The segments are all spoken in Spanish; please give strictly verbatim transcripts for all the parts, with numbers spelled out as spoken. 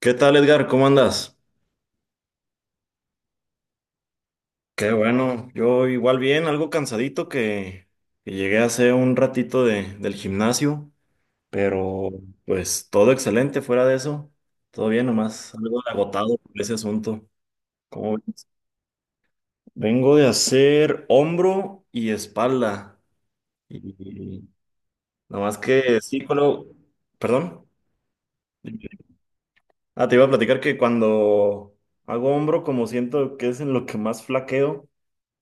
¿Qué tal, Edgar? ¿Cómo andas? Qué bueno, yo igual bien, algo cansadito que, que llegué hace un ratito de, del gimnasio, pero pues todo excelente fuera de eso, todo bien nomás, algo agotado por ese asunto. ¿Cómo ves? Vengo de hacer hombro y espalda, y nomás que sí, con lo- perdón. Ah, te iba a platicar que cuando hago hombro, como siento que es en lo que más flaqueo,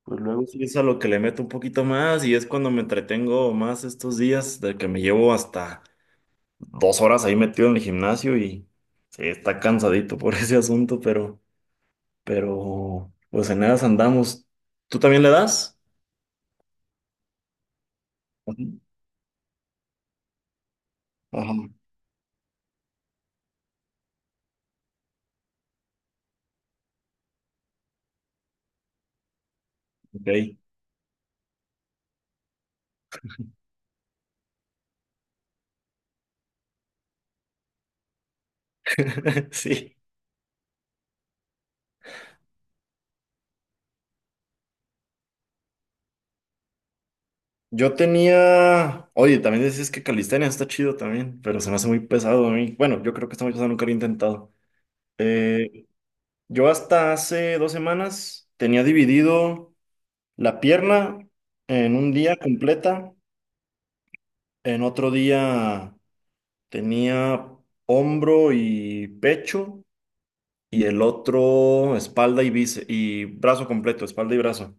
pues luego sí es a lo que le meto un poquito más y es cuando me entretengo más estos días, de que me llevo hasta dos horas ahí metido en el gimnasio y sí, está cansadito por ese asunto, pero, pero, pues en esas andamos. ¿Tú también le das? Ajá. Ajá. Ok. Sí. Yo tenía, oye, también decís que calistenia está chido también, pero se me hace muy pesado a mí. Bueno, yo creo que está muy pesado, nunca lo he intentado. Eh, yo hasta hace dos semanas tenía dividido. La pierna en un día completa, en otro día tenía hombro y pecho y el otro espalda y bíceps y brazo completo, espalda y brazo.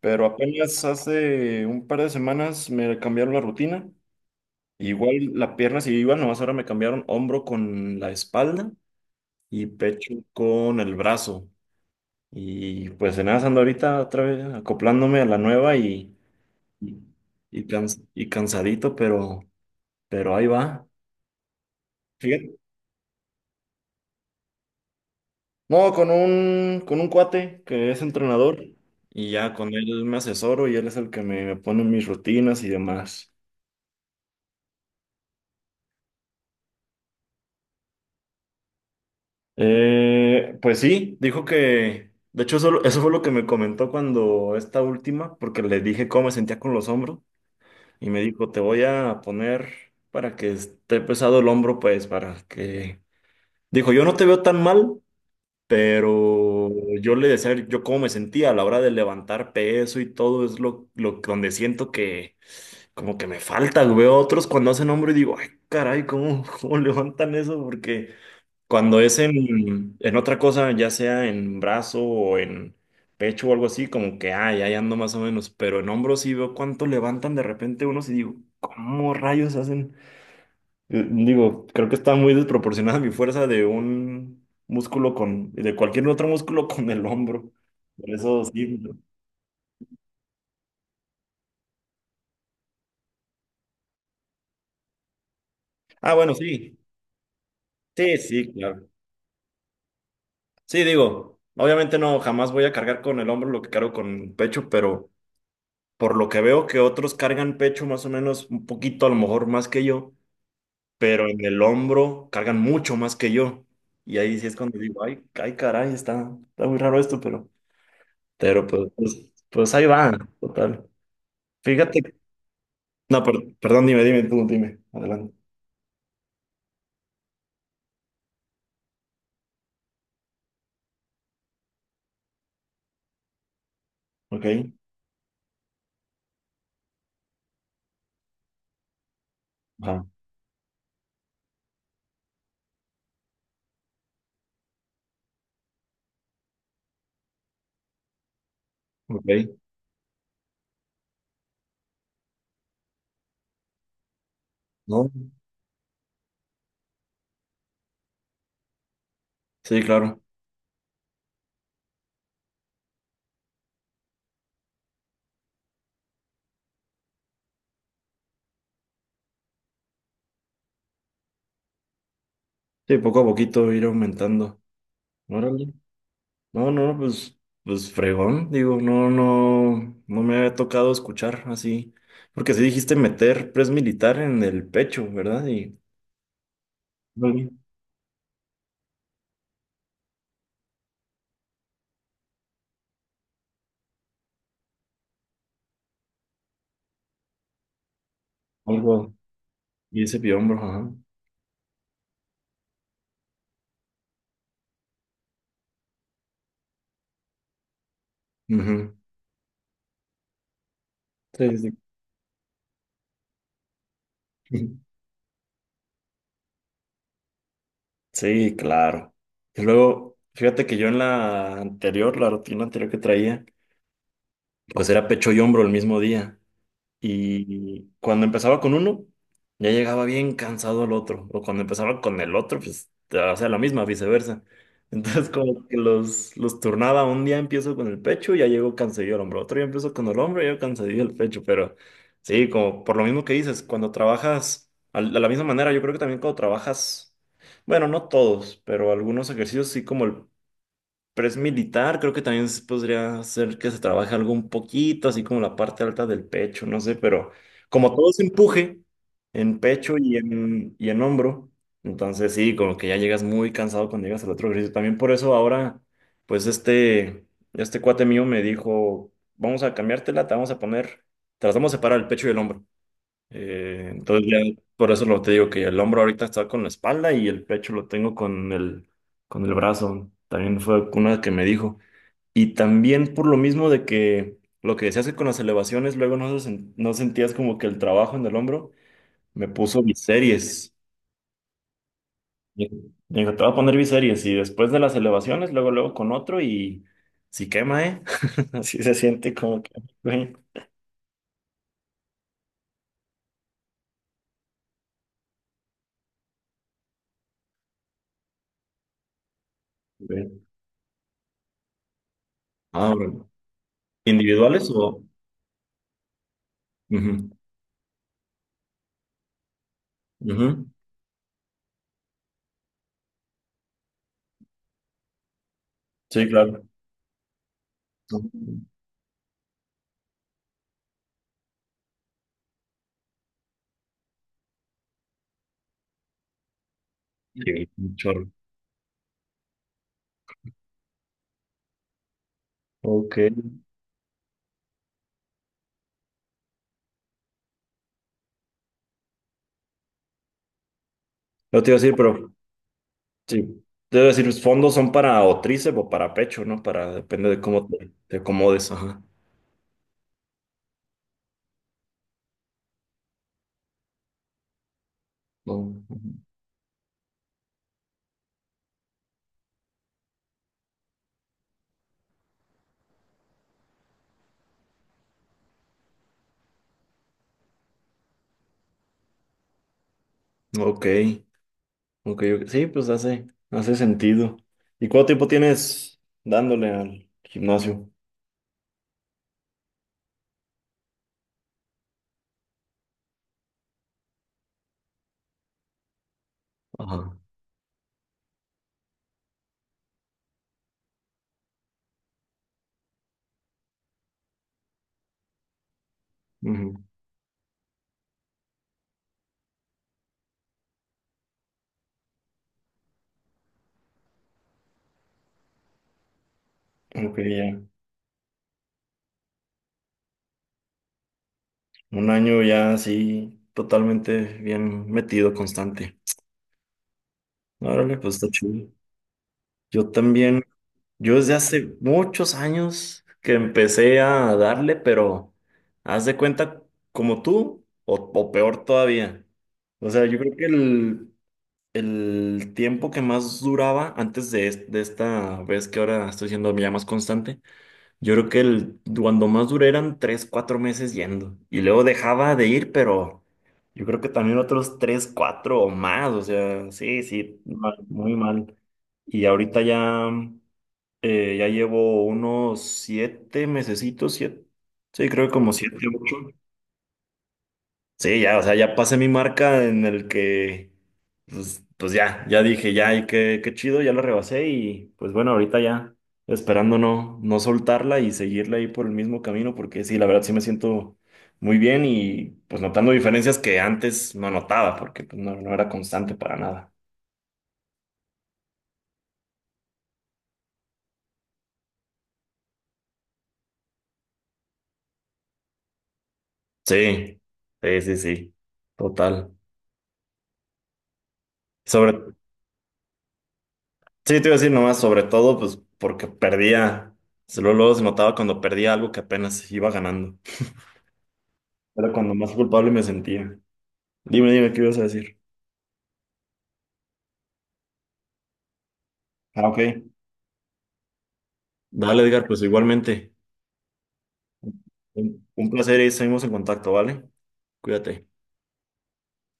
Pero apenas hace un par de semanas me cambiaron la rutina. Igual la pierna sí iba, nomás ahora me cambiaron hombro con la espalda y pecho con el brazo. Y pues en nada ando ahorita otra vez acoplándome a la nueva y Y, y, cans- y cansadito, pero, pero ahí va. Fíjate. No, con un, con un cuate que es entrenador y ya con él me asesoro y él es el que me pone mis rutinas y demás. Eh, pues sí, dijo que, de hecho eso, eso fue lo que me comentó cuando esta última, porque le dije cómo me sentía con los hombros y me dijo, te voy a poner para que esté pesado el hombro, pues para que... Dijo, yo no te veo tan mal, pero yo le decía yo cómo me sentía a la hora de levantar peso y todo, es lo, lo donde siento que como que me falta. Veo a otros cuando hacen hombro y digo, ay, caray, ¿cómo cómo levantan eso? Porque cuando es en, en otra cosa, ya sea en brazo o en pecho o algo así, como que, ay, ahí ando más o menos. Pero en hombro sí veo cuánto levantan de repente unos y digo, ¿cómo rayos hacen? Eh, Digo, creo que está muy desproporcionada mi fuerza de un músculo con, de cualquier otro músculo con el hombro. Por eso sí, ¿no? Ah, bueno, sí. Sí, sí, claro. Sí, digo, obviamente no, jamás voy a cargar con el hombro lo que cargo con el pecho, pero por lo que veo que otros cargan pecho más o menos un poquito, a lo mejor más que yo, pero en el hombro cargan mucho más que yo. Y ahí sí es cuando digo, ay, ay, caray, está, está muy raro esto, pero, pero pues, pues, pues ahí va, total. Fíjate. No, per- Perdón, dime, dime, tú, dime. Adelante. Ok. Ajá. Ok. No. Sí, claro. Sí, poco a poquito ir aumentando. Órale. No, no, no, pues, pues fregón. Digo, no, no, no me había tocado escuchar así. Porque sí dijiste meter press militar en el pecho, ¿verdad? Y órale. Algo. Y ese hombro, ajá. Ujú. Sí, sí. Sí. Sí, claro. Y luego, fíjate que yo en la anterior, la rutina anterior que traía, pues era pecho y hombro el mismo día. Y cuando empezaba con uno, ya llegaba bien cansado el otro. O cuando empezaba con el otro, pues hacía la misma, viceversa. Entonces como que los, los turnaba. Un día empiezo con el pecho, ya llego cansadillo al hombro. Otro día empiezo con el hombro, ya cansadillo el pecho. Pero sí, como por lo mismo que dices, cuando trabajas al- de la misma manera, yo creo que también cuando trabajas, bueno, no todos, pero algunos ejercicios sí como el pero es militar, creo que también se podría ser que se trabaje algo un poquito, así como la parte alta del pecho, no sé, pero como todo se empuje en pecho y en, y en hombro, entonces sí, como que ya llegas muy cansado cuando llegas al otro ejercicio. También por eso ahora, pues este, este cuate mío me dijo, vamos a cambiártela, te vamos a poner, te las vamos a separar el pecho y el hombro. Eh, entonces ya por eso lo te digo que el hombro ahorita está con la espalda y el pecho lo tengo con el, con el brazo. También fue una que me dijo. Y también por lo mismo de que lo que decías que con las elevaciones luego no, se sen- no sentías como que el trabajo en el hombro, me puso biseries. Me dijo, te voy a poner biseries y después de las elevaciones, luego luego con otro y si quema, ¿eh? Así se siente como que... güey. Güey. Ah, bueno. ¿Individuales o...? Ujú, ujú. Sí, claro. No, sí, un chorro. Ok. No te iba a decir, pero sí. Te iba a decir, los fondos son para o tríceps o para pecho, ¿no? Para, depende de cómo te, te acomodes. Ajá. No. Ujú. Ok. Ok, ok. Sí, pues hace, hace sentido. ¿Y cuánto tiempo tienes dándole al gimnasio? Ajá. Ujú. Ok, ya. Un año ya así, totalmente bien metido, constante. Órale, pues está chido. Yo también. Yo desde hace muchos años que empecé a darle, pero haz de cuenta como tú o, o peor todavía. O sea, yo creo que el, el tiempo que más duraba antes de, es- de esta vez que ahora estoy siendo ya más constante, yo creo que el, cuando más duré eran tres, cuatro meses yendo. Y luego dejaba de ir, pero yo creo que también otros tres, cuatro o más. O sea, sí, sí, mal- muy mal. Y ahorita ya. Eh, ya llevo unos siete mesecitos, siete, sí, creo que como siete, ocho. Sí, ya, o sea, ya pasé mi marca en el que, pues, pues ya, ya dije, ya, y qué, qué chido, ya la rebasé y pues bueno, ahorita ya, esperando no, no soltarla y seguirla ahí por el mismo camino, porque sí, la verdad sí me siento muy bien y pues notando diferencias que antes no notaba, porque pues, no, no era constante para nada. Sí, sí, sí, sí, total. Sobre sí, te iba a decir nomás, sobre todo, pues porque perdía. Luego, luego se notaba cuando perdía algo que apenas iba ganando. Era cuando más culpable me sentía. Dime, dime, ¿qué ibas a decir? Ah, ok. Dale, Edgar, pues igualmente. Un, un placer y seguimos en contacto, ¿vale? Cuídate.